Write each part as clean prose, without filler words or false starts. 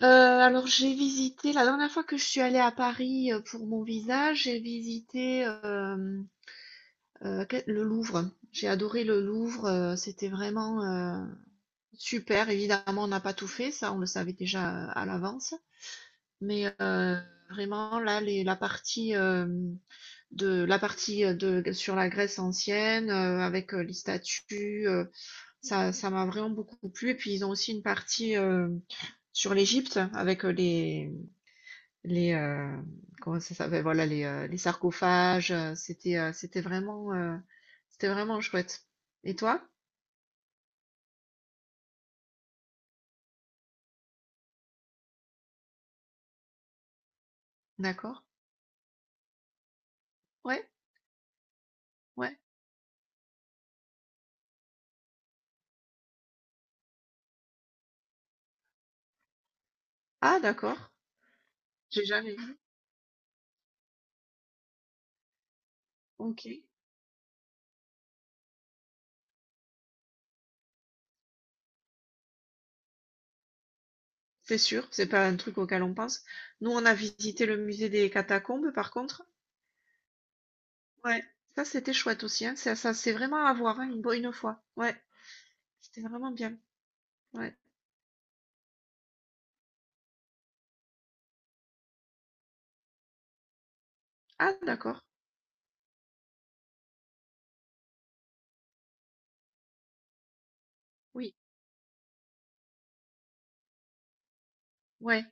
Alors j'ai visité la dernière fois que je suis allée à Paris, pour mon visa, j'ai visité que le Louvre. J'ai adoré le Louvre, c'était vraiment, super. Évidemment, on n'a pas tout fait, ça, on le savait déjà, à l'avance. Mais, heu, Vraiment là, les la partie, hem, de la partie, de sur la Grèce ancienne, avec, les statues, ça m'a vraiment beaucoup plu. Et puis ils ont aussi une partie, sur l'Égypte avec, Les, heu, comment ça s'appelle? Ben voilà, les sarcophages, c'était vraiment chouette. Et toi? D'accord. Ouais, ouais. Ah d'accord, j'ai jamais vu. OK. C'est sûr, c'est pas un truc auquel on pense. Nous, on a visité le musée des catacombes, par contre. Ouais, ça, c'était chouette aussi, hein. Ça, c'est vraiment à voir, hein, une fois. Ouais, c'était vraiment bien. Ouais. Ah d'accord, oui, ouais.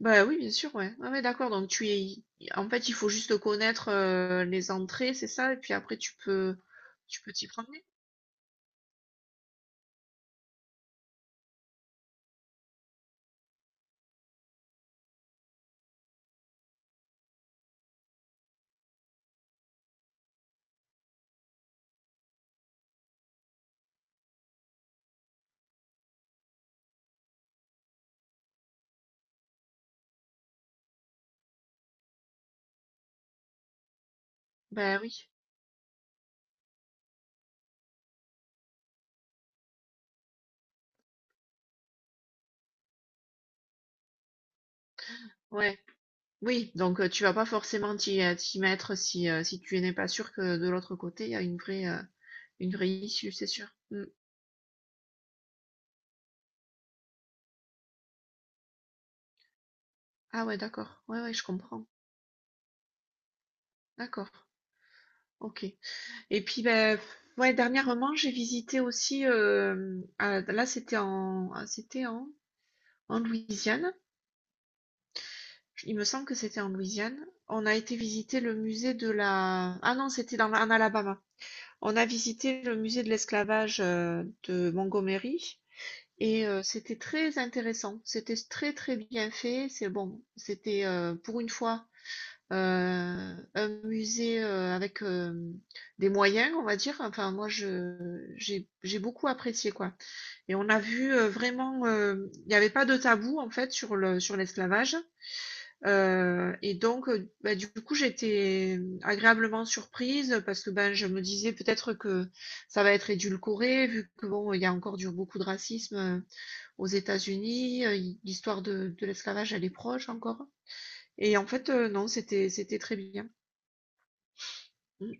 Bah oui, bien sûr, ouais. Ouais, ouais, d'accord. Donc tu es, en fait, il faut juste connaître les entrées, c'est ça, et puis après tu peux tu peux t'y promener. Bah oui, ouais, oui. Donc tu vas pas forcément t'y mettre si si tu n'es pas sûr que de l'autre côté il y a une vraie issue, c'est sûr. Mm. Ah ouais, d'accord. Ouais, ouais, je comprends. D'accord. Ok. Et puis ben ouais, dernièrement j'ai visité aussi. Là c'était en en Louisiane. Il me semble que c'était en Louisiane. On a été visiter le musée de la... Ah non, c'était en Alabama. On a visité le musée de l'esclavage de Montgomery et c'était très intéressant. C'était très très bien fait. C'est bon, c'était pour une fois un musée avec des moyens, on va dire. Enfin, moi, je j'ai beaucoup apprécié quoi. Et on a vu vraiment, il n'y avait pas de tabou en fait sur le sur l'esclavage. Et donc, bah, du coup, j'étais agréablement surprise parce que, ben, je me disais peut-être que ça va être édulcoré vu que bon, il y a encore du beaucoup de racisme, aux États-Unis, l'histoire de l'esclavage, elle est proche encore et en fait, non, c'était très bien. Mmh.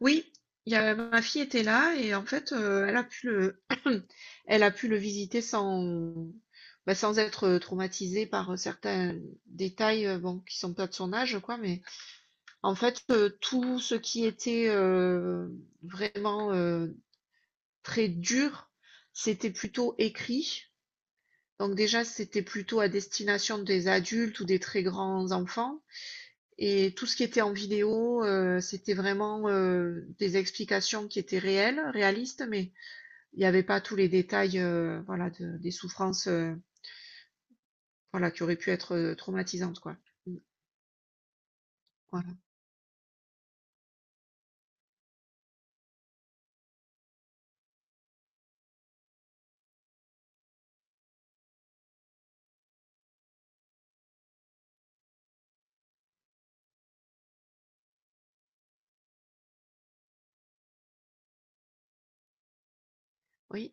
Oui, il y a ma fille était là et en fait, elle a pu le elle a pu le visiter sans, bah, sans être traumatisée par, certains détails, bon, qui sont pas de son âge, quoi, mais en fait, tout ce qui était, vraiment, très dur, c'était plutôt écrit. Donc déjà, c'était plutôt à destination des adultes ou des très grands enfants et tout ce qui était en vidéo, c'était vraiment, des explications qui étaient réelles, réalistes, mais il n'y avait pas tous les détails, voilà, de des souffrances, voilà, qui auraient pu être, traumatisantes, quoi. Mmh, voilà. Oui.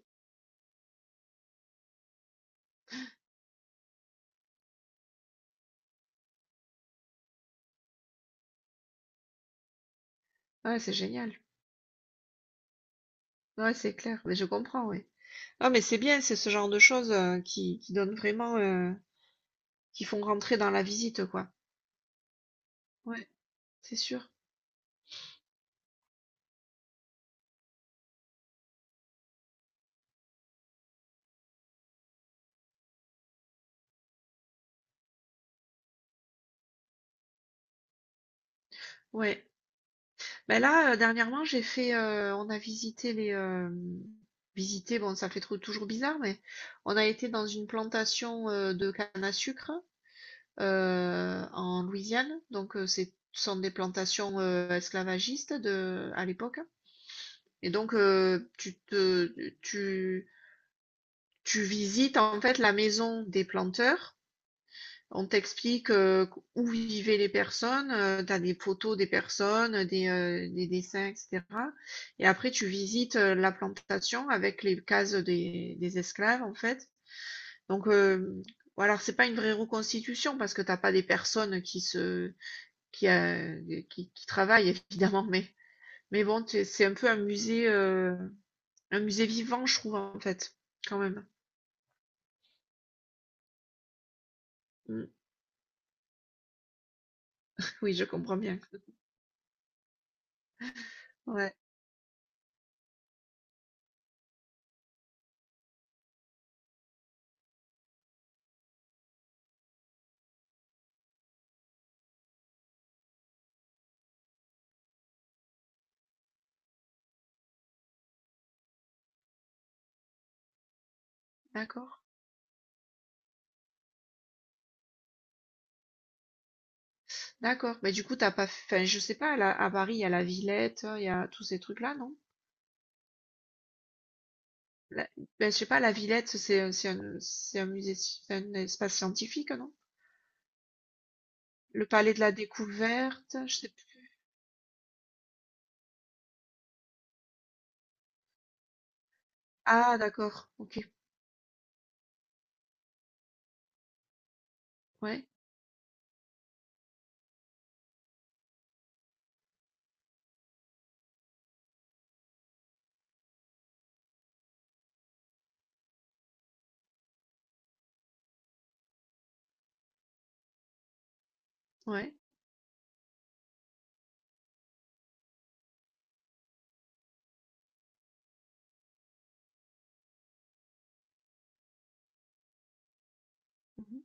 Ouais, c'est génial. Ouais, c'est clair, mais je comprends, oui. Ah mais c'est bien, c'est ce genre de choses, qui donnent vraiment, qui font rentrer dans la visite, quoi. Ouais, c'est sûr. Ouais. Ben là, dernièrement, on a visité, bon, ça fait trou toujours bizarre, mais on a été dans une plantation, de canne à sucre, en Louisiane, donc c'est ce sont des plantations, esclavagistes de à l'époque et tu tu visites, en fait, la maison des planteurs. On t'explique, où vivaient les personnes, tu as des photos des personnes, des dessins et cetera et après tu visites, la plantation avec les cases des esclaves, en fait. Donc, hem, bon alors c'est pas une vraie reconstitution parce que t'as pas des personnes qui se qui, heu, qui travaillent évidemment, mais bon, c'est un peu un musée vivant, je trouve, en fait, quand même. Mmh, oui, je comprends bien. Ouais, d'accord. D'accord. Mais du coup, t'as pas, fait. Enfin, je sais pas, à Paris, il y a la Villette, il y a tous ces trucs-là, non? La- Ben, je sais pas, la Villette, c'est un musée, un espace scientifique, non? Le Palais de la Découverte, je sais plus. Ah, d'accord. Ok. Ouais. Ouais. Mhm.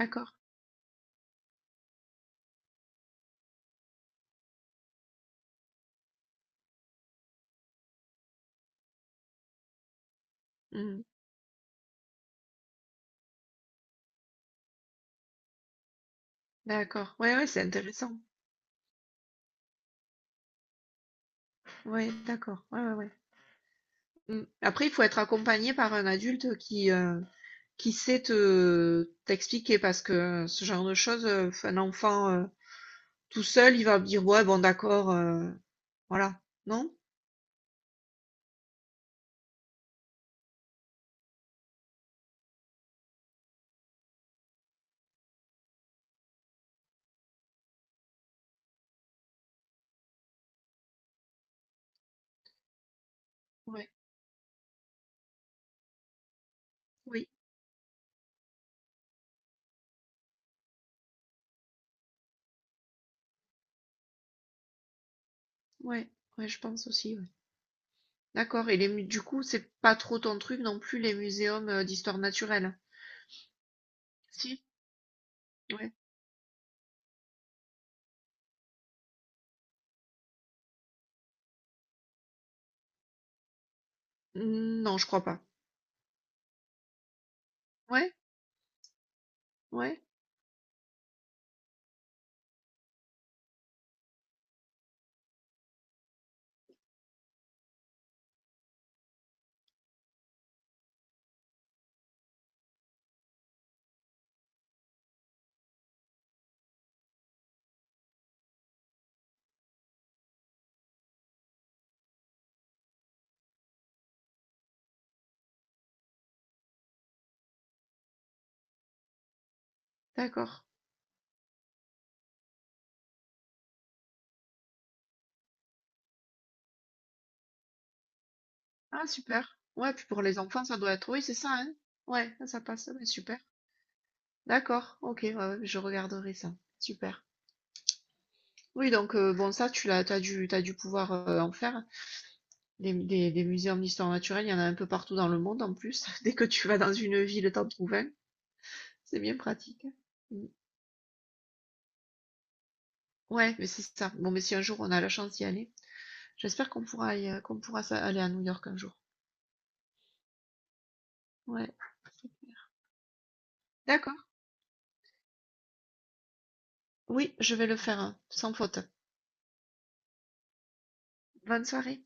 D'accord. Mhm. D'accord. Ouais, ouais, c'est intéressant. Ouais, d'accord. Ouais, ouais, ouais. Mm. Après, il faut être accompagné par un adulte qui sait te t'expliquer parce que ce genre de choses, un enfant, tout seul, il va me dire: «Ouais, bon d'accord, voilà, non? Ouais. Oui, ouais, ouais, je pense aussi, ouais. D'accord et les mu du coup, c'est pas trop ton truc non plus les muséums, d'histoire naturelle? Si? Ouais. Mm, non, je crois pas. Ouais? Ouais? D'accord. Ah super. Ouais, puis pour les enfants, ça doit être oui, c'est ça, hein? Ouais, ça passe, ah super. D'accord, OK, ouais, ouais, je regarderai ça. Super. Oui bon ça, tu l'as t'as dû pouvoir, en faire? Des muséums d'histoire naturelle, il y en a un peu partout dans le monde en plus. Dès que tu vas dans une ville, t'en trouves un. C'est bien pratique. Mm. Ouais, mais c'est ça. Bon, mais si un jour on a la chance d'y aller, j'espère qu'on pourra y- qu'on pourra aller à New York un jour. Ouais. D'accord. Oui, je vais le faire, hein, sans faute. Bonne soirée.